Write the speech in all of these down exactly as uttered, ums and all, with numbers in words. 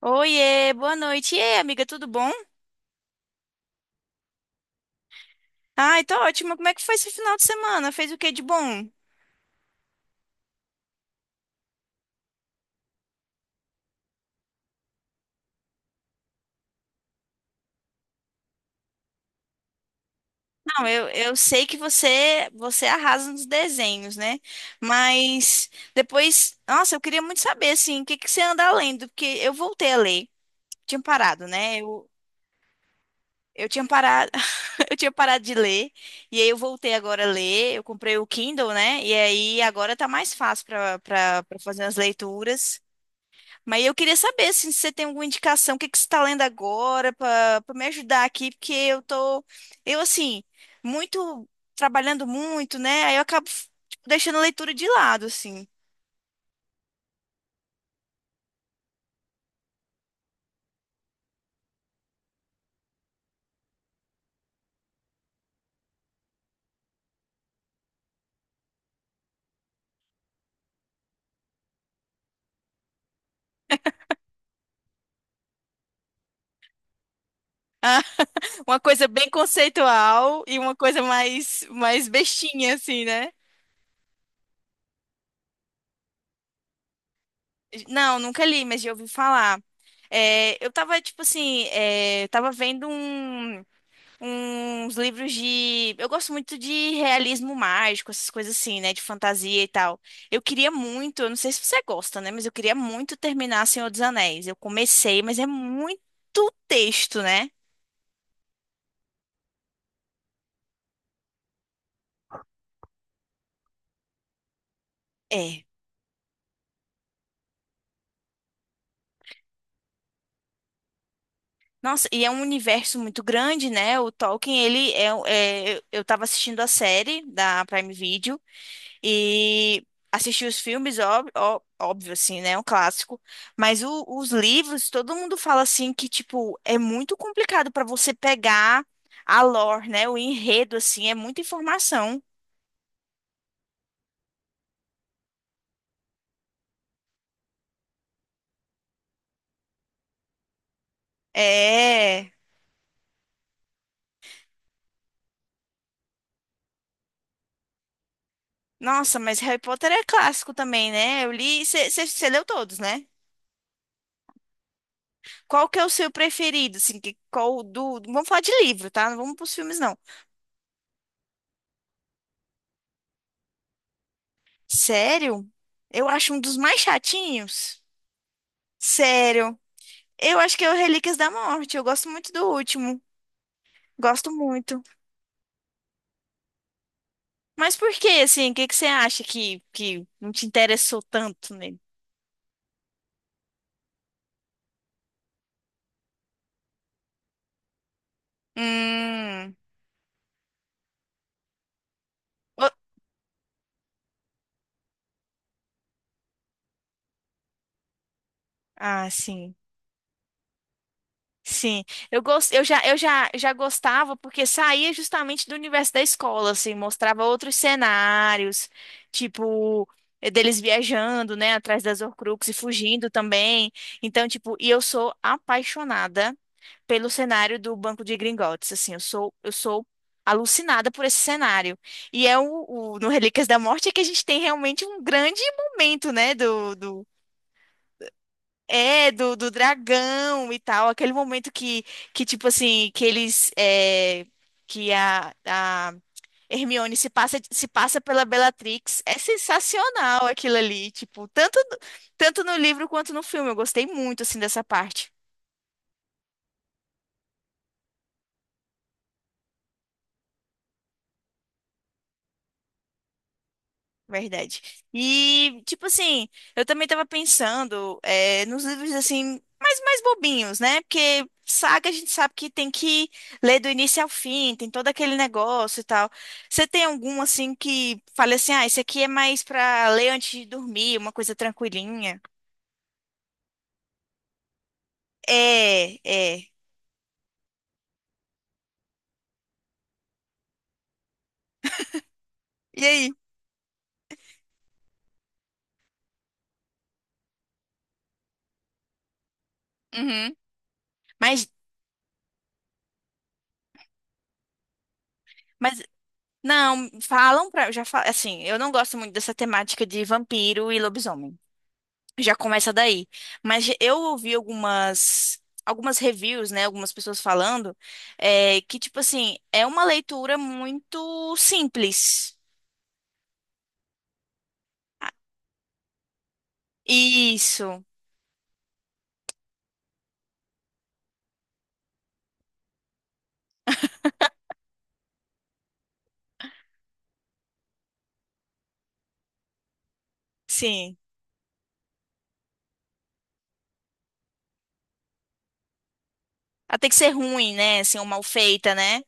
Oiê, boa noite. E aí, amiga, tudo bom? Ai, tô ótima. Como é que foi esse final de semana? Fez o que de bom? Não, eu, eu sei que você você arrasa nos desenhos, né? Mas depois, nossa, eu queria muito saber, assim, o que que você anda lendo? Porque eu voltei a ler. Tinha parado, né? Eu, eu tinha parado, eu tinha parado de ler. E aí eu voltei agora a ler. Eu comprei o Kindle, né? E aí agora tá mais fácil para para fazer as leituras. Mas eu queria saber assim, se você tem alguma indicação, o que que você está lendo agora para me ajudar aqui, porque eu tô, eu assim, muito trabalhando muito, né? Aí eu acabo tipo, deixando a leitura de lado, assim. Uma coisa bem conceitual e uma coisa mais mais bestinha, assim, né? Não, nunca li, mas já ouvi falar. É, eu tava, tipo assim, é, eu tava vendo um. Uns livros de. Eu gosto muito de realismo mágico, essas coisas assim, né? De fantasia e tal. Eu queria muito, eu não sei se você gosta, né? Mas eu queria muito terminar Senhor dos Anéis. Eu comecei, mas é muito texto, né? É. Nossa, e é um universo muito grande, né? O Tolkien, ele é. É eu eu tava assistindo a série da Prime Video. E assisti os filmes, óbvio, ó- óbvio assim, né? É um clássico. Mas o- os livros, todo mundo fala assim que, tipo, é muito complicado para você pegar a lore, né? O enredo, assim, é muita informação. É. Nossa, mas Harry Potter é clássico também, né? Eu li. Você leu todos, né? Qual que é o seu preferido? Assim, que, qual do. Vamos falar de livro, tá? Não vamos pros filmes, não. Sério? Eu acho um dos mais chatinhos. Sério. Eu acho que é o Relíquias da Morte. Eu gosto muito do último. Gosto muito. Mas por que, assim? O que que você acha que, que não te interessou tanto nele? Hum. o- Ah, sim. Sim, eu gost... eu já, eu já, já gostava porque saía justamente do universo da escola, assim, mostrava outros cenários, tipo, eh, deles viajando, né, atrás das Horcruxes e fugindo também. Então, tipo, e eu sou apaixonada pelo cenário do Banco de Gringotts, assim, eu sou, eu sou alucinada por esse cenário. E é o, o- no Relíquias da Morte é que a gente tem realmente um grande momento, né, do do é, do, do dragão e tal. Aquele momento que, que tipo assim, que eles. É, que a, a Hermione se passa, se passa pela Bellatrix. É sensacional aquilo ali. Tipo, tanto, no- tanto no livro quanto no filme. Eu gostei muito, assim, dessa parte. Verdade. E, tipo assim, eu também tava pensando é, nos livros, assim, mais, mais bobinhos, né? Porque saga a gente sabe que tem que ler do início ao fim, tem todo aquele negócio e tal. Você tem algum, assim, que fale assim, ah, esse aqui é mais pra ler antes de dormir, uma coisa tranquilinha? É, é. E aí? Uhum. Mas, mas, não, falam pra, já fa- assim, eu não gosto muito dessa temática de vampiro e lobisomem. Já começa daí. Mas eu ouvi algumas algumas reviews, né? Algumas pessoas falando é, que, tipo assim, é uma leitura muito simples. Ah, Isso, sim. Ela tem que ser ruim, né? Assim, ou mal feita, né?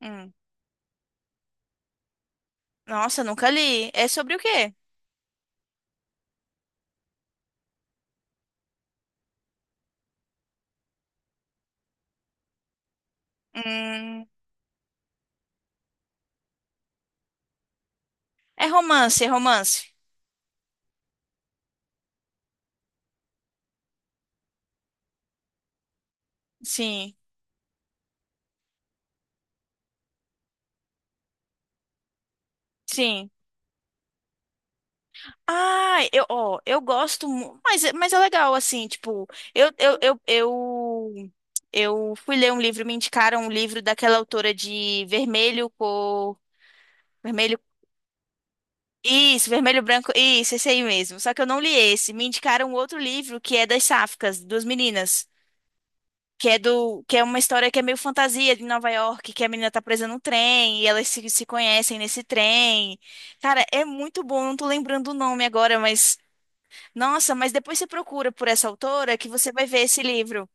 Hum. Nossa, nunca li. É sobre o quê? Hum. É romance, é romance. Sim, sim. Ah, eu, ó, eu gosto, mu- mas, é- mas é legal, assim, tipo, eu, eu, eu, eu, eu fui ler um livro, me indicaram um livro daquela autora de Vermelho, Cor, Vermelho, isso, Vermelho, Branco, isso, esse aí mesmo, só que eu não li esse, me indicaram outro livro que é das Sáficas, duas meninas, que é do, que é uma história que é meio fantasia de Nova York, que a menina tá presa num trem e elas se, se conhecem nesse trem, cara, é muito bom, não tô lembrando o nome agora, mas... Nossa, mas depois você procura por essa autora que você vai ver esse livro.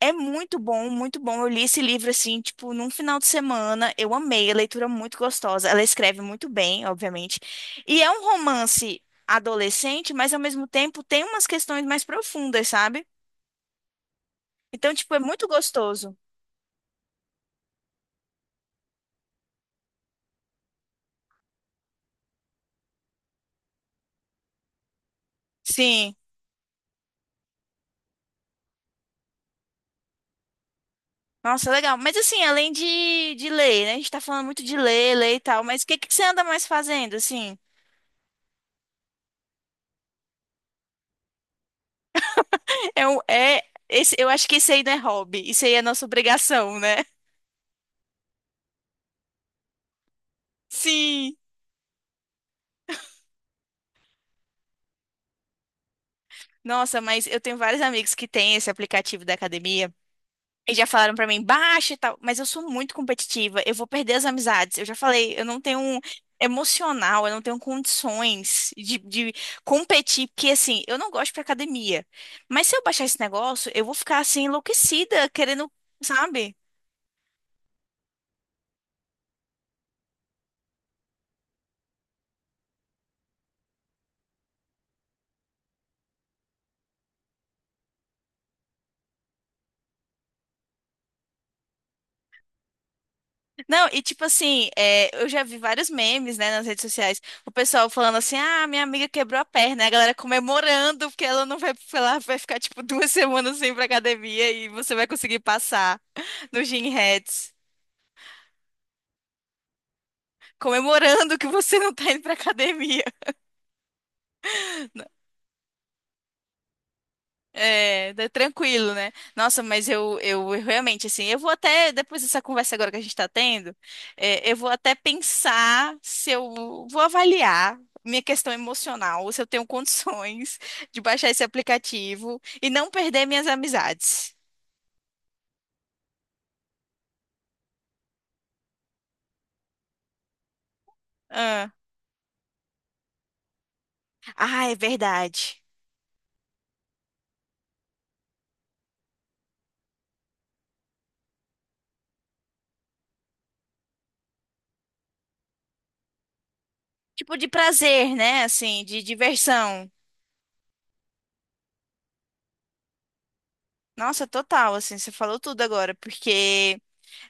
É muito bom, muito bom. Eu li esse livro assim, tipo, num final de semana. Eu amei, a leitura é muito gostosa. Ela escreve muito bem, obviamente. E é um romance adolescente, mas ao mesmo tempo tem umas questões mais profundas, sabe? Então, tipo, é muito gostoso. Sim. Nossa, legal. Mas assim, além de, de ler, né? A gente tá falando muito de ler, ler e tal, mas o que que você anda mais fazendo, assim? É, um- é esse, eu acho que isso aí não é hobby, isso aí é nossa obrigação, né? Sim. Nossa, mas eu tenho vários amigos que têm esse aplicativo da academia e já falaram pra mim, baixa e tal, mas eu sou muito competitiva, eu vou perder as amizades. Eu já falei, eu não tenho um emocional, eu não tenho condições de, de competir, porque assim, eu não gosto pra academia. Mas se eu baixar esse negócio, eu vou ficar assim enlouquecida, querendo, sabe? Não, e tipo assim, é, eu já vi vários memes, né, nas redes sociais. O pessoal falando assim, ah, minha amiga quebrou a perna. E A galera comemorando porque ela não vai, ela vai ficar tipo duas semanas sem ir pra academia e você vai conseguir passar no Gym Rats. Comemorando que você não tá indo pra academia. É, tá tranquilo, né? Nossa, mas eu, eu, eu realmente, assim, eu vou até, depois dessa conversa agora que a gente tá tendo, é, eu vou até pensar se eu vou avaliar minha questão emocional, se eu tenho condições de baixar esse aplicativo e não perder minhas amizades. Ah, ah, é verdade. Tipo de prazer, né? Assim, de diversão. Nossa, total, assim, você falou tudo agora, porque.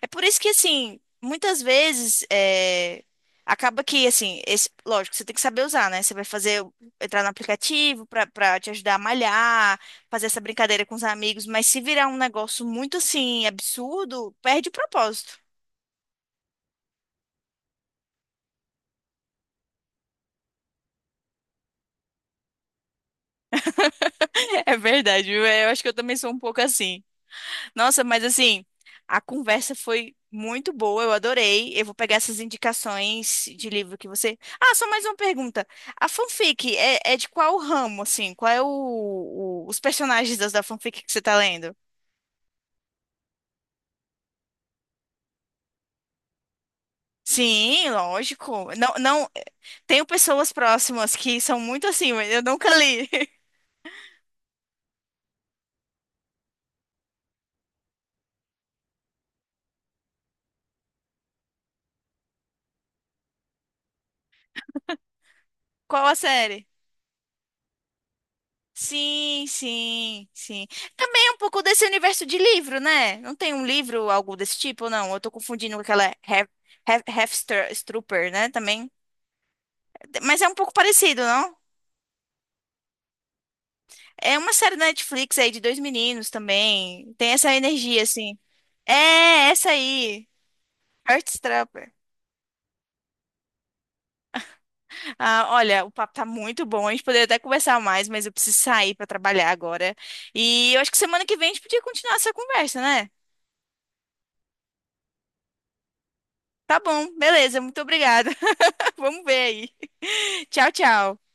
É por isso que, assim, muitas vezes é, acaba que, assim, esse, lógico, você tem que saber usar, né? Você vai fazer, entrar no aplicativo pra pra te ajudar a malhar, fazer essa brincadeira com os amigos, mas se virar um negócio muito, assim, absurdo, perde o propósito. É verdade, viu? Eu acho que eu também sou um pouco assim. Nossa, mas assim, a conversa foi muito boa, eu adorei. Eu vou pegar essas indicações de livro que você. Ah, só mais uma pergunta. A fanfic é, é de qual ramo, assim? Qual é o, o- os personagens das, da fanfic que você tá lendo? Sim, lógico. Não, não, tenho pessoas próximas que são muito assim, mas eu nunca li. Qual a série? Sim, sim, sim. Também é um pouco desse universo de livro, né? Não tem um livro, algo desse tipo, não? Eu tô confundindo com aquela Hef- Hef- Hefstrooper, né? Também. Mas é um pouco parecido, não? É uma série da Netflix aí de dois meninos também. Tem essa energia, assim. É, essa aí. Heartstopper. Ah, olha, o papo tá muito bom. A gente poderia até conversar mais, mas eu preciso sair pra trabalhar agora. E eu acho que semana que vem a gente podia continuar essa conversa, né? Tá bom, beleza. Muito obrigada. Vamos ver aí. Tchau, tchau.